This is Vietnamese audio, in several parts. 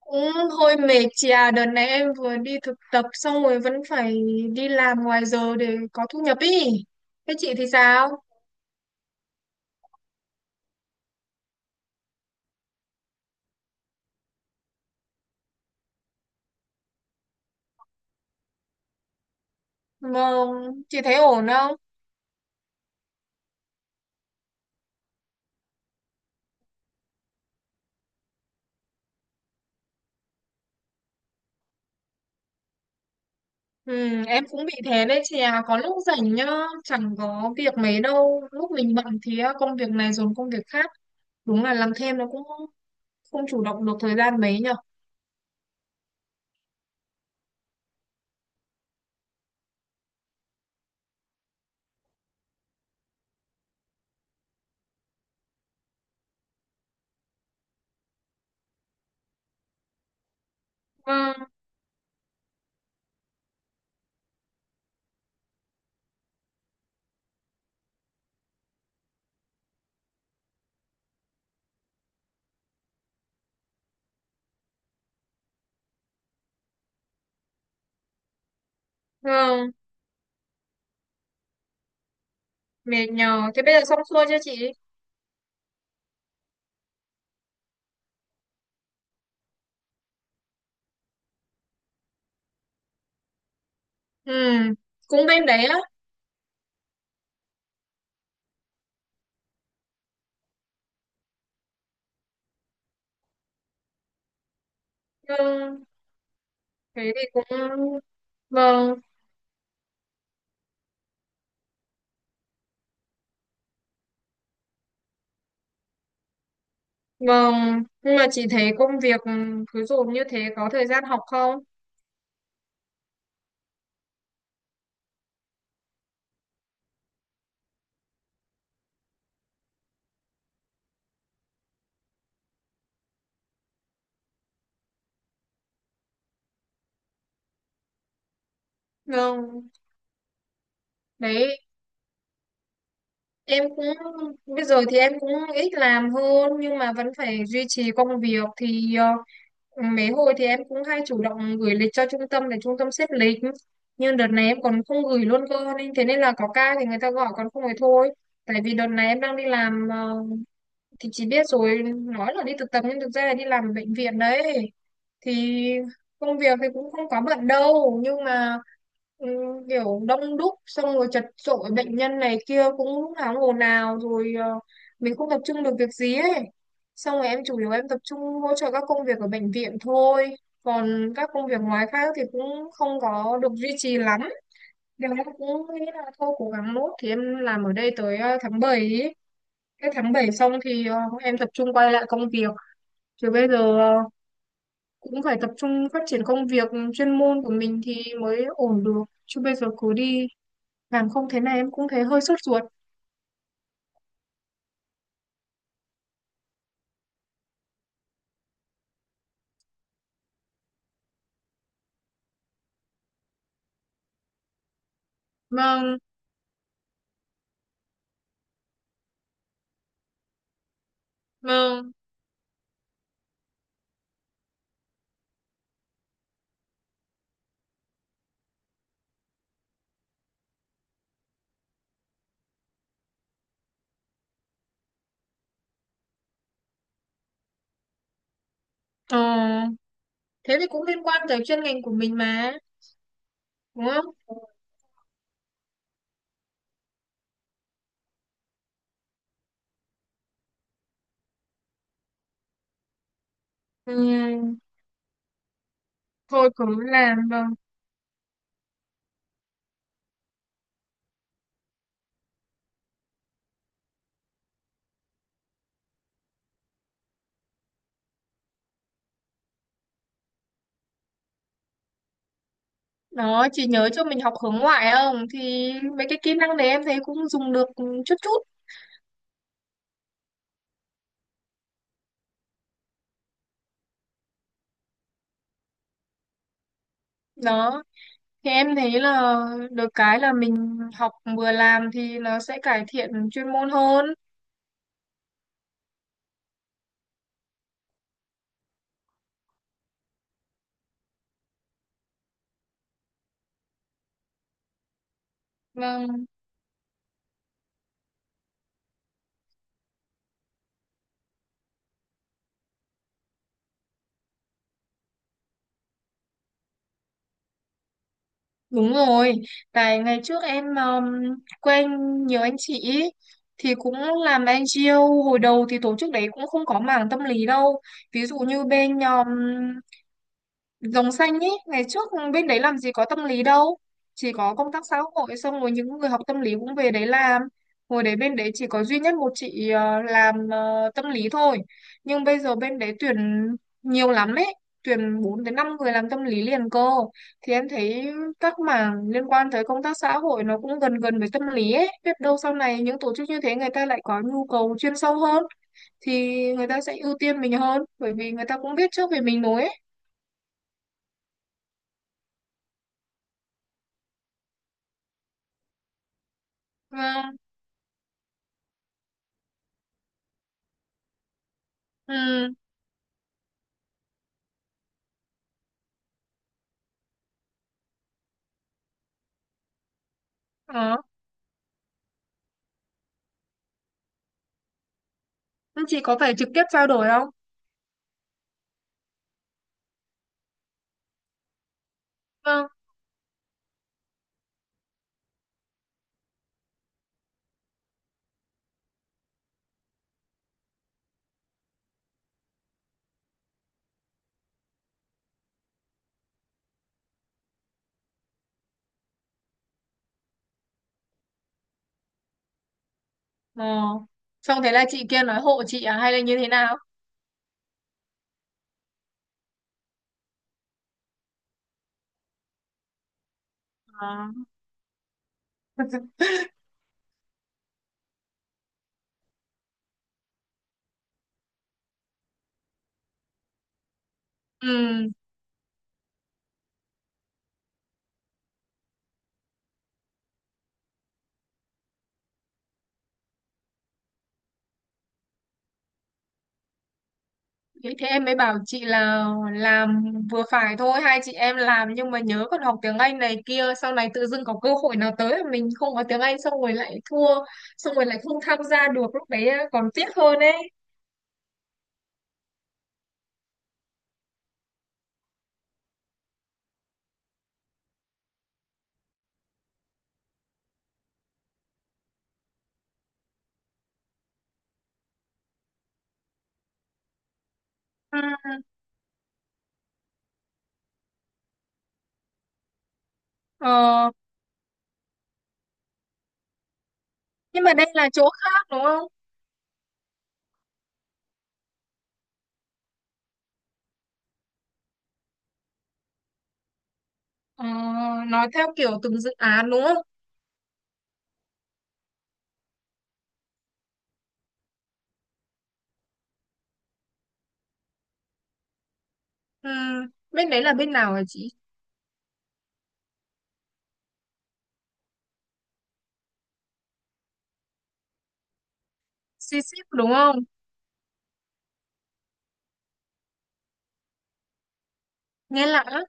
Cũng hơi mệt chị à, đợt này em vừa đi thực tập xong rồi vẫn phải đi làm ngoài giờ để có thu nhập ý. Thế chị thì sao? Vâng, chị thấy ổn không? Ừ, em cũng bị thế đấy chị à, có lúc rảnh nhá, chẳng có việc mấy đâu. Lúc mình bận thì á, công việc này dồn công việc khác. Đúng là làm thêm nó cũng không chủ động được thời gian mấy nhở. Vâng, ừ, mệt nhờ. Thế bây giờ xong xuôi chưa chị? Ừ, cũng bên đấy á. Ừ, thế thì cũng. Vâng, vâng, nhưng mà chị thấy công việc cứ dồn như thế có thời gian học không? Vâng, đấy, em cũng bây giờ thì em cũng ít làm hơn nhưng mà vẫn phải duy trì công việc thì mấy hồi thì em cũng hay chủ động gửi lịch cho trung tâm để trung tâm xếp lịch. Nhưng đợt này em còn không gửi luôn cơ nên thế nên là có ca thì người ta gọi còn không thì thôi. Tại vì đợt này em đang đi làm thì chị biết rồi, nói là đi thực tập nhưng thực ra là đi làm ở bệnh viện đấy. Thì công việc thì cũng không quá bận đâu nhưng mà ừ, kiểu đông đúc xong rồi chật chội bệnh nhân này kia cũng lúc nào cũng ồn ào rồi mình không tập trung được việc gì ấy xong rồi em chủ yếu tập trung hỗ trợ các công việc ở bệnh viện thôi còn các công việc ngoài khác thì cũng không có được duy trì lắm nên em cũng nghĩ là thôi cố gắng nốt thì em làm ở đây tới tháng 7 ấy. Cái tháng 7 xong thì em tập trung quay lại công việc chứ bây giờ cũng phải tập trung phát triển công việc chuyên môn của mình thì mới ổn được chứ bây giờ cứ đi làm không thế này em cũng thấy hơi sốt ruột. Vâng, vâng, ờ, thế thì cũng liên quan tới chuyên ngành của mình mà đúng không? Ừ, thôi cứ làm. Vâng, đó, chị nhớ cho mình học hướng ngoại không thì mấy cái kỹ năng đấy em thấy cũng dùng được chút chút. Đó, thì em thấy là được cái là mình học vừa làm thì nó sẽ cải thiện chuyên môn hơn. Vâng. Đúng rồi, tại ngày trước em quen nhiều anh chị ý, thì cũng làm NGO hồi đầu thì tổ chức đấy cũng không có mảng tâm lý đâu. Ví dụ như bên Rồng xanh ấy, ngày trước bên đấy làm gì có tâm lý đâu. Chỉ có công tác xã hội xong rồi những người học tâm lý cũng về đấy làm. Hồi đấy bên đấy chỉ có duy nhất một chị làm tâm lý thôi. Nhưng bây giờ bên đấy tuyển nhiều lắm ấy. Tuyển 4 đến 5 người làm tâm lý liền cơ. Thì em thấy các mảng liên quan tới công tác xã hội nó cũng gần gần với tâm lý ấy. Biết đâu sau này những tổ chức như thế người ta lại có nhu cầu chuyên sâu hơn. Thì người ta sẽ ưu tiên mình hơn. Bởi vì người ta cũng biết trước về mình rồi ấy. Vâng, ừ, đó. Thế chị có phải trực tiếp trao đổi không? Vâng. Ờ. Xong thế là chị kia nói hộ chị à hay là như thế nào? Ờ. Ừ, thế thế em mới bảo chị là làm vừa phải thôi, hai chị em làm nhưng mà nhớ còn học tiếng Anh này kia, sau này tự dưng có cơ hội nào tới mà mình không có tiếng Anh xong rồi lại thua, xong rồi lại không tham gia được lúc đấy còn tiếc hơn ấy. Ừ. Ờ. Nhưng mà đây là chỗ khác đúng không? Ờ, nói theo kiểu từng dự án đúng không? Ừ. Bên đấy là bên nào hả chị? Xí xíp đúng không? Nghe lạ lắm.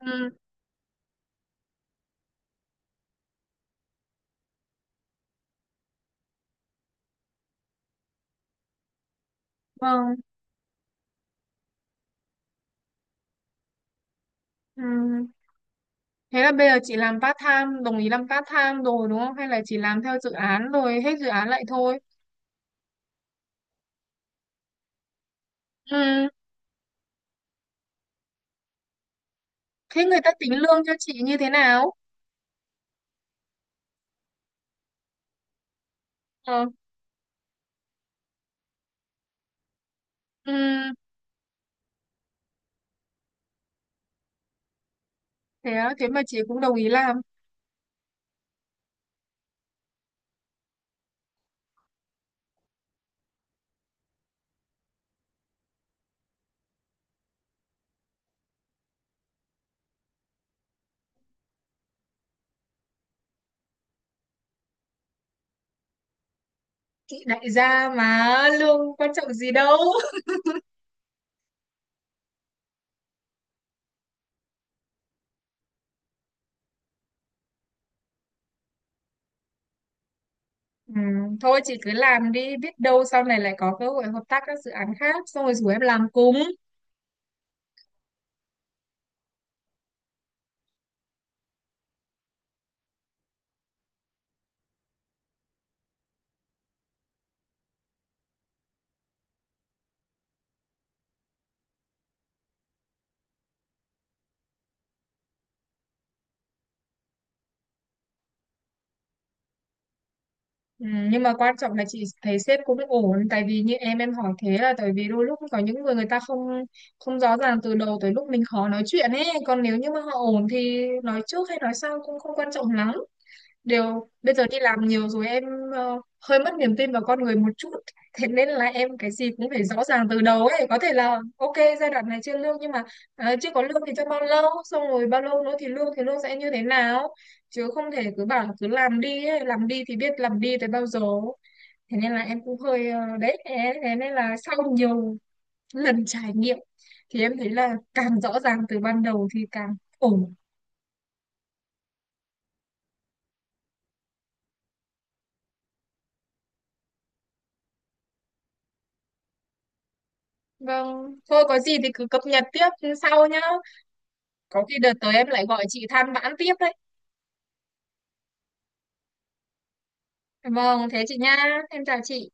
Ừ, vâng. Ừ. Thế là bây giờ chị làm part time, đồng ý làm part time rồi đúng không? Hay là chỉ làm theo dự án rồi hết dự án lại thôi? Ừ. Thế người ta tính lương cho chị như thế nào? Ờ. Ừ. Thế á, thế mà chị cũng đồng ý làm. Chị đại gia mà lương quan trọng gì đâu. Ừ. Thôi chị cứ làm đi, biết đâu sau này lại có cơ hội hợp tác các dự án khác xong rồi rủ em làm cùng. Ừ, nhưng mà quan trọng là chị thấy sếp cũng ổn tại vì như em hỏi thế là tại vì đôi lúc có những người người ta không không rõ ràng từ đầu tới lúc mình khó nói chuyện ấy còn nếu như mà họ ổn thì nói trước hay nói sau cũng không quan trọng lắm. Điều bây giờ đi làm nhiều rồi em ờ, hơi mất niềm tin vào con người một chút. Thế nên là em cái gì cũng phải rõ ràng từ đầu ấy. Có thể là ok giai đoạn này chưa lương nhưng mà chưa có lương thì trong bao lâu, xong rồi bao lâu nữa thì lương sẽ như thế nào. Chứ không thể cứ bảo là cứ làm đi ấy. Làm đi thì biết làm đi tới bao giờ. Thế nên là em cũng hơi đấy. Thế thế nên là sau nhiều lần trải nghiệm thì em thấy là càng rõ ràng từ ban đầu thì càng ổn. Vâng, thôi có gì thì cứ cập nhật tiếp sau nhá. Có khi đợt tới em lại gọi chị than vãn tiếp đấy. Vâng, thế chị nha. Em chào chị.